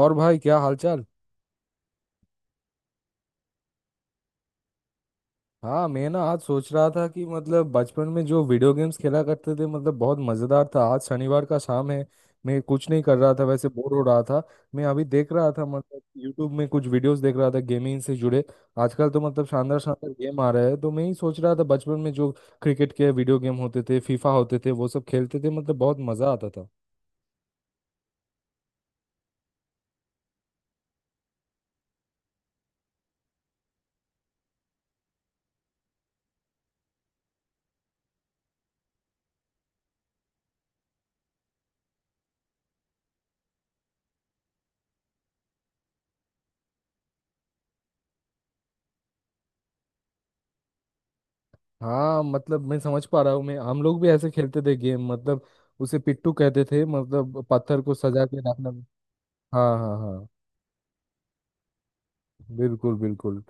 और भाई क्या हालचाल। हाँ मैं ना आज सोच रहा था कि मतलब बचपन में जो वीडियो गेम्स खेला करते थे मतलब बहुत मजेदार था। आज शनिवार का शाम है। मैं कुछ नहीं कर रहा था, वैसे बोर हो रहा था। मैं अभी देख रहा था मतलब यूट्यूब में कुछ वीडियोस देख रहा था गेमिंग से जुड़े। आजकल तो मतलब शानदार शानदार गेम आ रहे हैं तो मैं ही सोच रहा था बचपन में जो क्रिकेट के वीडियो गेम होते थे फीफा होते थे वो सब खेलते थे मतलब बहुत मजा आता था। हाँ मतलब मैं समझ पा रहा हूँ। मैं हम लोग भी ऐसे खेलते थे गेम मतलब उसे पिट्टू कहते थे मतलब पत्थर को सजा के रखना। हाँ हाँ हाँ। बिल्कुल बिल्कुल।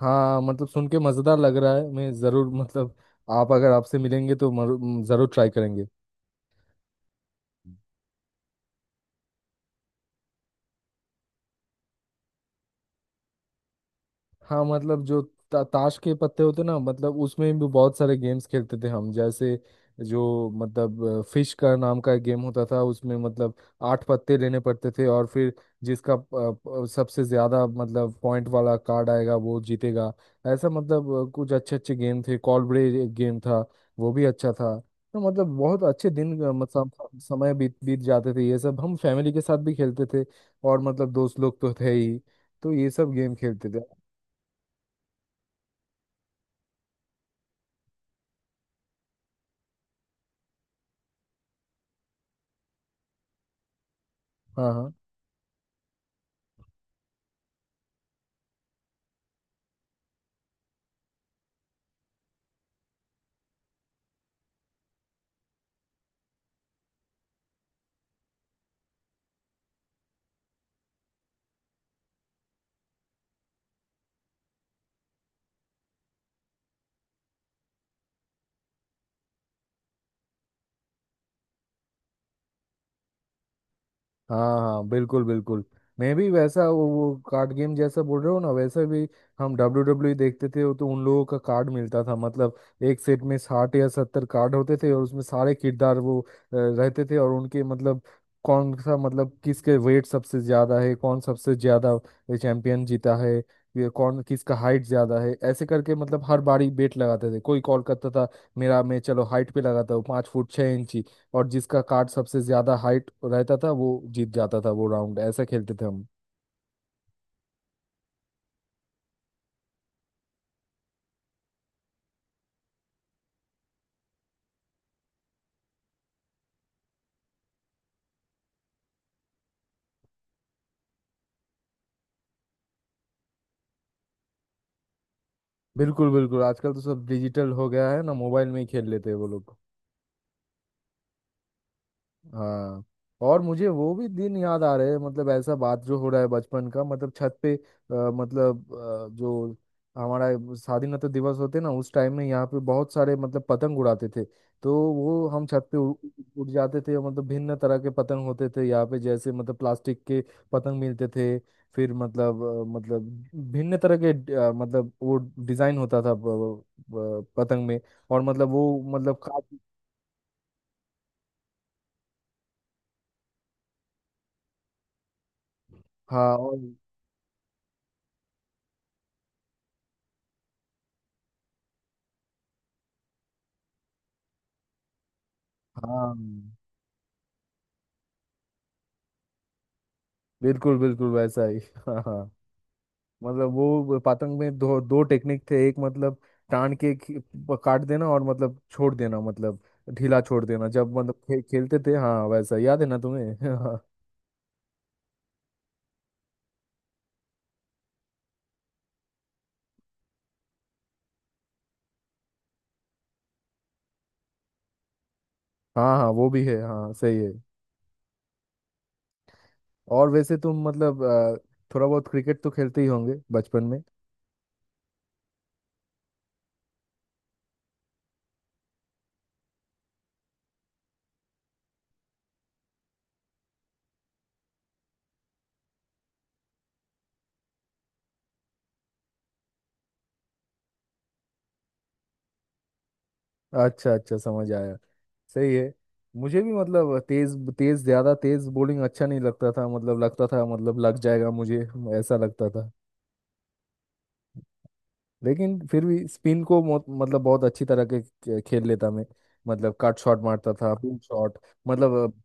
हाँ मतलब सुन के मज़ेदार लग रहा है। मैं ज़रूर मतलब आप अगर आपसे मिलेंगे तो ज़रूर ट्राई करेंगे। हाँ मतलब जो ताश के पत्ते होते ना मतलब उसमें भी बहुत सारे गेम्स खेलते थे हम। जैसे जो मतलब फिश का नाम का एक गेम होता था उसमें मतलब आठ पत्ते लेने पड़ते थे और फिर जिसका प- सबसे ज्यादा मतलब पॉइंट वाला कार्ड आएगा वो जीतेगा। ऐसा मतलब कुछ अच्छे अच्छे गेम थे। कॉलब्रेज एक गेम था, वो भी अच्छा था। तो मतलब बहुत अच्छे दिन मतलब समय बीत बीत जाते थे, ये सब हम फैमिली के साथ भी खेलते थे और मतलब दोस्त लोग तो थे ही, तो ये सब गेम खेलते थे। हाँ हाँ हाँ। हाँ बिल्कुल बिल्कुल। मैं भी वैसा वो कार्ड गेम जैसा बोल रहे हो ना वैसा भी। हम WW देखते थे तो उन लोगों का कार्ड मिलता था मतलब एक सेट में 60 या 70 कार्ड होते थे और उसमें सारे किरदार रहते थे और उनके मतलब कौन सा मतलब किसके वेट सबसे ज्यादा है, कौन सबसे ज्यादा चैंपियन जीता है, ये कौन किसका हाइट ज्यादा है, ऐसे करके मतलब हर बारी बेट लगाते थे। कोई कॉल करता था मेरा, मैं चलो हाइट पे लगाता हूँ 5 फुट 6 इंची। और जिसका कार्ड सबसे ज्यादा हाइट रहता था वो जीत जाता था वो राउंड, ऐसा खेलते थे हम। बिल्कुल बिल्कुल। आजकल तो सब डिजिटल हो गया है ना, मोबाइल में ही खेल लेते हैं वो लोग। हाँ। और मुझे वो भी दिन याद आ रहे हैं मतलब ऐसा बात जो हो रहा है बचपन का मतलब छत पे मतलब जो हमारा स्वाधीनता दिवस होते ना उस टाइम में यहाँ पे बहुत सारे मतलब पतंग उड़ाते थे। तो वो हम छत पे उड़ जाते थे मतलब भिन्न तरह के पतंग होते थे यहाँ पे जैसे मतलब प्लास्टिक के पतंग मिलते थे। फिर मतलब मतलब भिन्न तरह के मतलब वो डिजाइन होता था पतंग में और मतलब वो मतलब काट। हाँ और हाँ बिल्कुल बिल्कुल वैसा ही हाँ हाँ। मतलब वो पतंग में दो दो टेक्निक थे, एक मतलब टान के खी- प- काट देना और मतलब छोड़ देना मतलब ढीला छोड़ देना जब मतलब खेलते थे। हाँ हाँ, वैसा याद है ना तुम्हें? हाँ। हाँ हाँ वो भी है, हाँ सही है। और वैसे तुम मतलब थोड़ा बहुत क्रिकेट तो खेलते ही होंगे बचपन में। अच्छा अच्छा समझ आया। सही है। मुझे भी मतलब तेज तेज ज्यादा तेज बॉलिंग अच्छा नहीं लगता था मतलब लगता था मतलब लग जाएगा मुझे, ऐसा लगता था। लेकिन फिर भी स्पिन को मतलब बहुत अच्छी तरह के खेल लेता मैं। मतलब कट शॉट मारता था, पिन शॉट मतलब।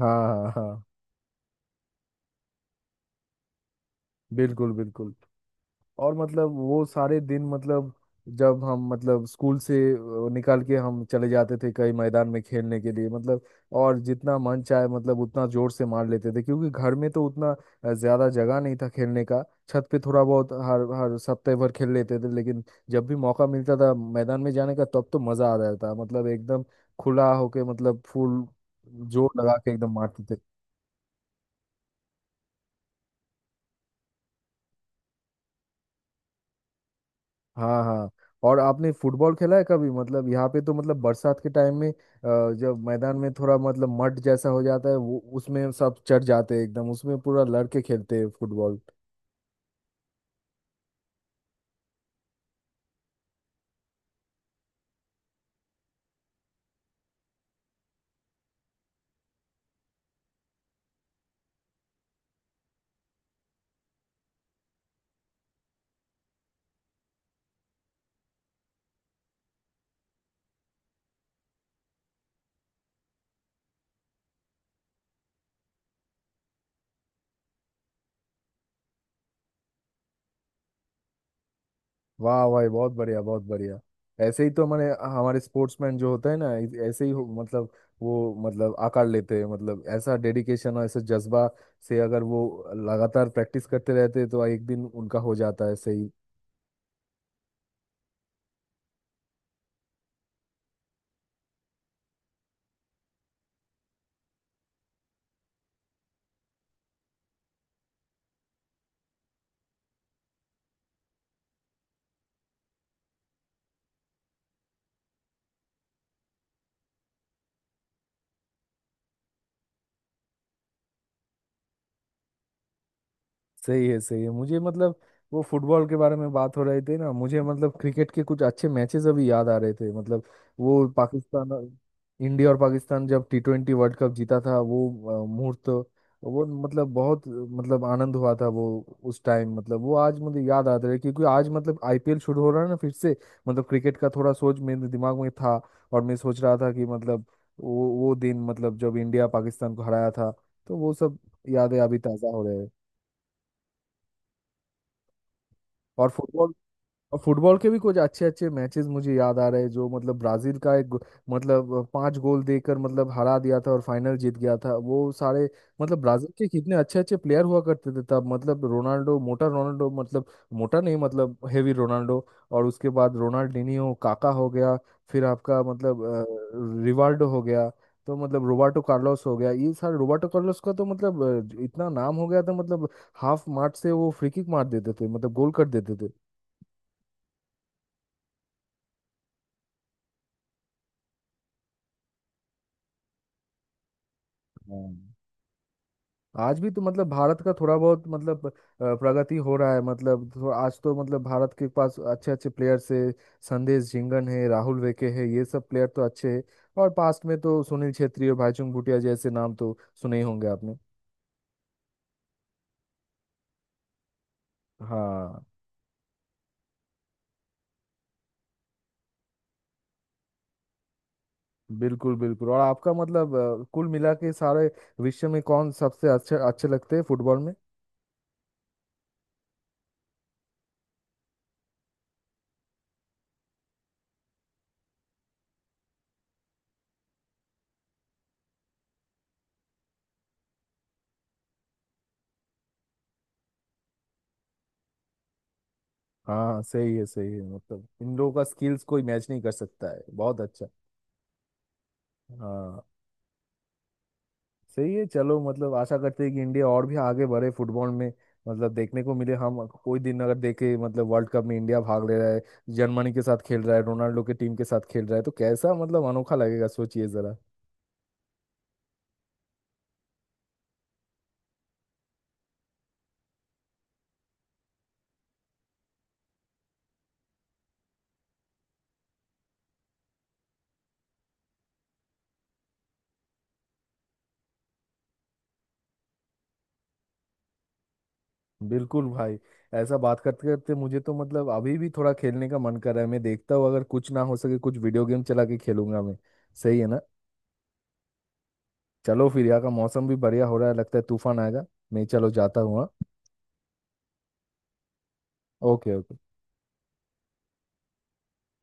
हाँ हाँ हाँ बिल्कुल बिल्कुल। और मतलब वो सारे दिन मतलब जब हम मतलब स्कूल से निकाल के हम चले जाते थे कई मैदान में खेलने के लिए मतलब। और जितना मन चाहे मतलब उतना जोर से मार लेते थे क्योंकि घर में तो उतना ज्यादा जगह नहीं था खेलने का। छत पे थोड़ा बहुत हर हर सप्ताह भर खेल लेते थे लेकिन जब भी मौका मिलता था मैदान में जाने का तब तो मजा आ जाता था मतलब एकदम खुला होके मतलब फुल जोर लगा के एकदम मारते थे। हाँ हाँ। और आपने फुटबॉल खेला है कभी मतलब यहाँ पे तो मतलब बरसात के टाइम में जब मैदान में थोड़ा मतलब मड जैसा हो जाता है वो, उसमें सब चढ़ जाते हैं एकदम, उसमें पूरा लड़के खेलते हैं फुटबॉल। वाह भाई बहुत बढ़िया बहुत बढ़िया। ऐसे ही तो मैंने हमारे स्पोर्ट्समैन जो होते हैं ना ऐसे ही मतलब वो मतलब आकार लेते हैं मतलब ऐसा डेडिकेशन और ऐसा जज्बा से अगर वो लगातार प्रैक्टिस करते रहते हैं, तो एक दिन उनका हो जाता है सही। सही है मुझे मतलब वो फुटबॉल के बारे में बात हो रही थी ना, मुझे मतलब क्रिकेट के कुछ अच्छे मैचेस अभी याद आ रहे थे मतलब। वो पाकिस्तान और- इंडिया और पाकिस्तान जब T20 वर्ल्ड कप जीता था वो मुहूर्त, वो मतलब बहुत मतलब आनंद हुआ था वो। उस टाइम मतलब वो आज मुझे याद आता है क्योंकि आज मतलब IPL शुरू हो रहा है ना फिर से, मतलब क्रिकेट का थोड़ा सोच मेरे दिमाग में था। और मैं सोच रहा था कि मतलब वो दिन मतलब जब इंडिया पाकिस्तान को हराया था तो वो सब यादें अभी ताज़ा हो रहे हैं। और फुटबॉल और फुटबॉल के भी कुछ अच्छे अच्छे मैचेस मुझे याद आ रहे हैं जो मतलब ब्राजील का एक गो- मतलब पांच गोल देकर मतलब हरा दिया था और फाइनल जीत गया था वो सारे। मतलब ब्राजील के कितने अच्छे अच्छे प्लेयर हुआ करते थे तब मतलब रोनाल्डो, मोटा रोनाल्डो मतलब मोटा नहीं मतलब हेवी रोनाल्डो। और उसके बाद रोनाल्डिनियो काका हो गया, फिर आपका मतलब रिवाल्डो हो गया। तो मतलब रोबर्टो कार्लोस हो गया। ये सारे रोबर्टो कार्लोस का तो मतलब इतना नाम हो गया था मतलब हाफ मार्ट से वो फ्री किक मार देते थे मतलब गोल कर देते थे। हाँ। आज भी तो मतलब भारत का थोड़ा बहुत मतलब प्रगति हो रहा है मतलब थोड़ा आज तो मतलब भारत के पास अच्छे अच्छे प्लेयर्स है। संदेश झिंगन है, राहुल वेके है, ये सब प्लेयर तो अच्छे हैं। और पास्ट में तो सुनील छेत्री और भाईचुंग भूटिया जैसे नाम तो सुने ही होंगे आपने। हाँ बिल्कुल बिल्कुल। और आपका मतलब कुल मिला के सारे विश्व में कौन सबसे अच्छे अच्छे लगते हैं फुटबॉल में? हाँ सही है मतलब इन लोगों का स्किल्स कोई मैच नहीं कर सकता है, बहुत अच्छा। हाँ सही है चलो मतलब आशा करते हैं कि इंडिया और भी आगे बढ़े फुटबॉल में, मतलब देखने को मिले। हम कोई दिन अगर देखे मतलब वर्ल्ड कप में इंडिया भाग ले रहा है, जर्मनी के साथ खेल रहा है, रोनाल्डो के टीम के साथ खेल रहा है तो कैसा मतलब अनोखा लगेगा, सोचिए जरा। बिल्कुल भाई। ऐसा बात करते करते मुझे तो मतलब अभी भी थोड़ा खेलने का मन कर रहा है। मैं देखता हूँ अगर कुछ ना हो सके कुछ वीडियो गेम चला के खेलूंगा मैं, सही है ना? चलो फिर यहाँ का मौसम भी बढ़िया हो रहा है, लगता है तूफान आएगा। मैं चलो जाता हूँ हाँ। Okay okay.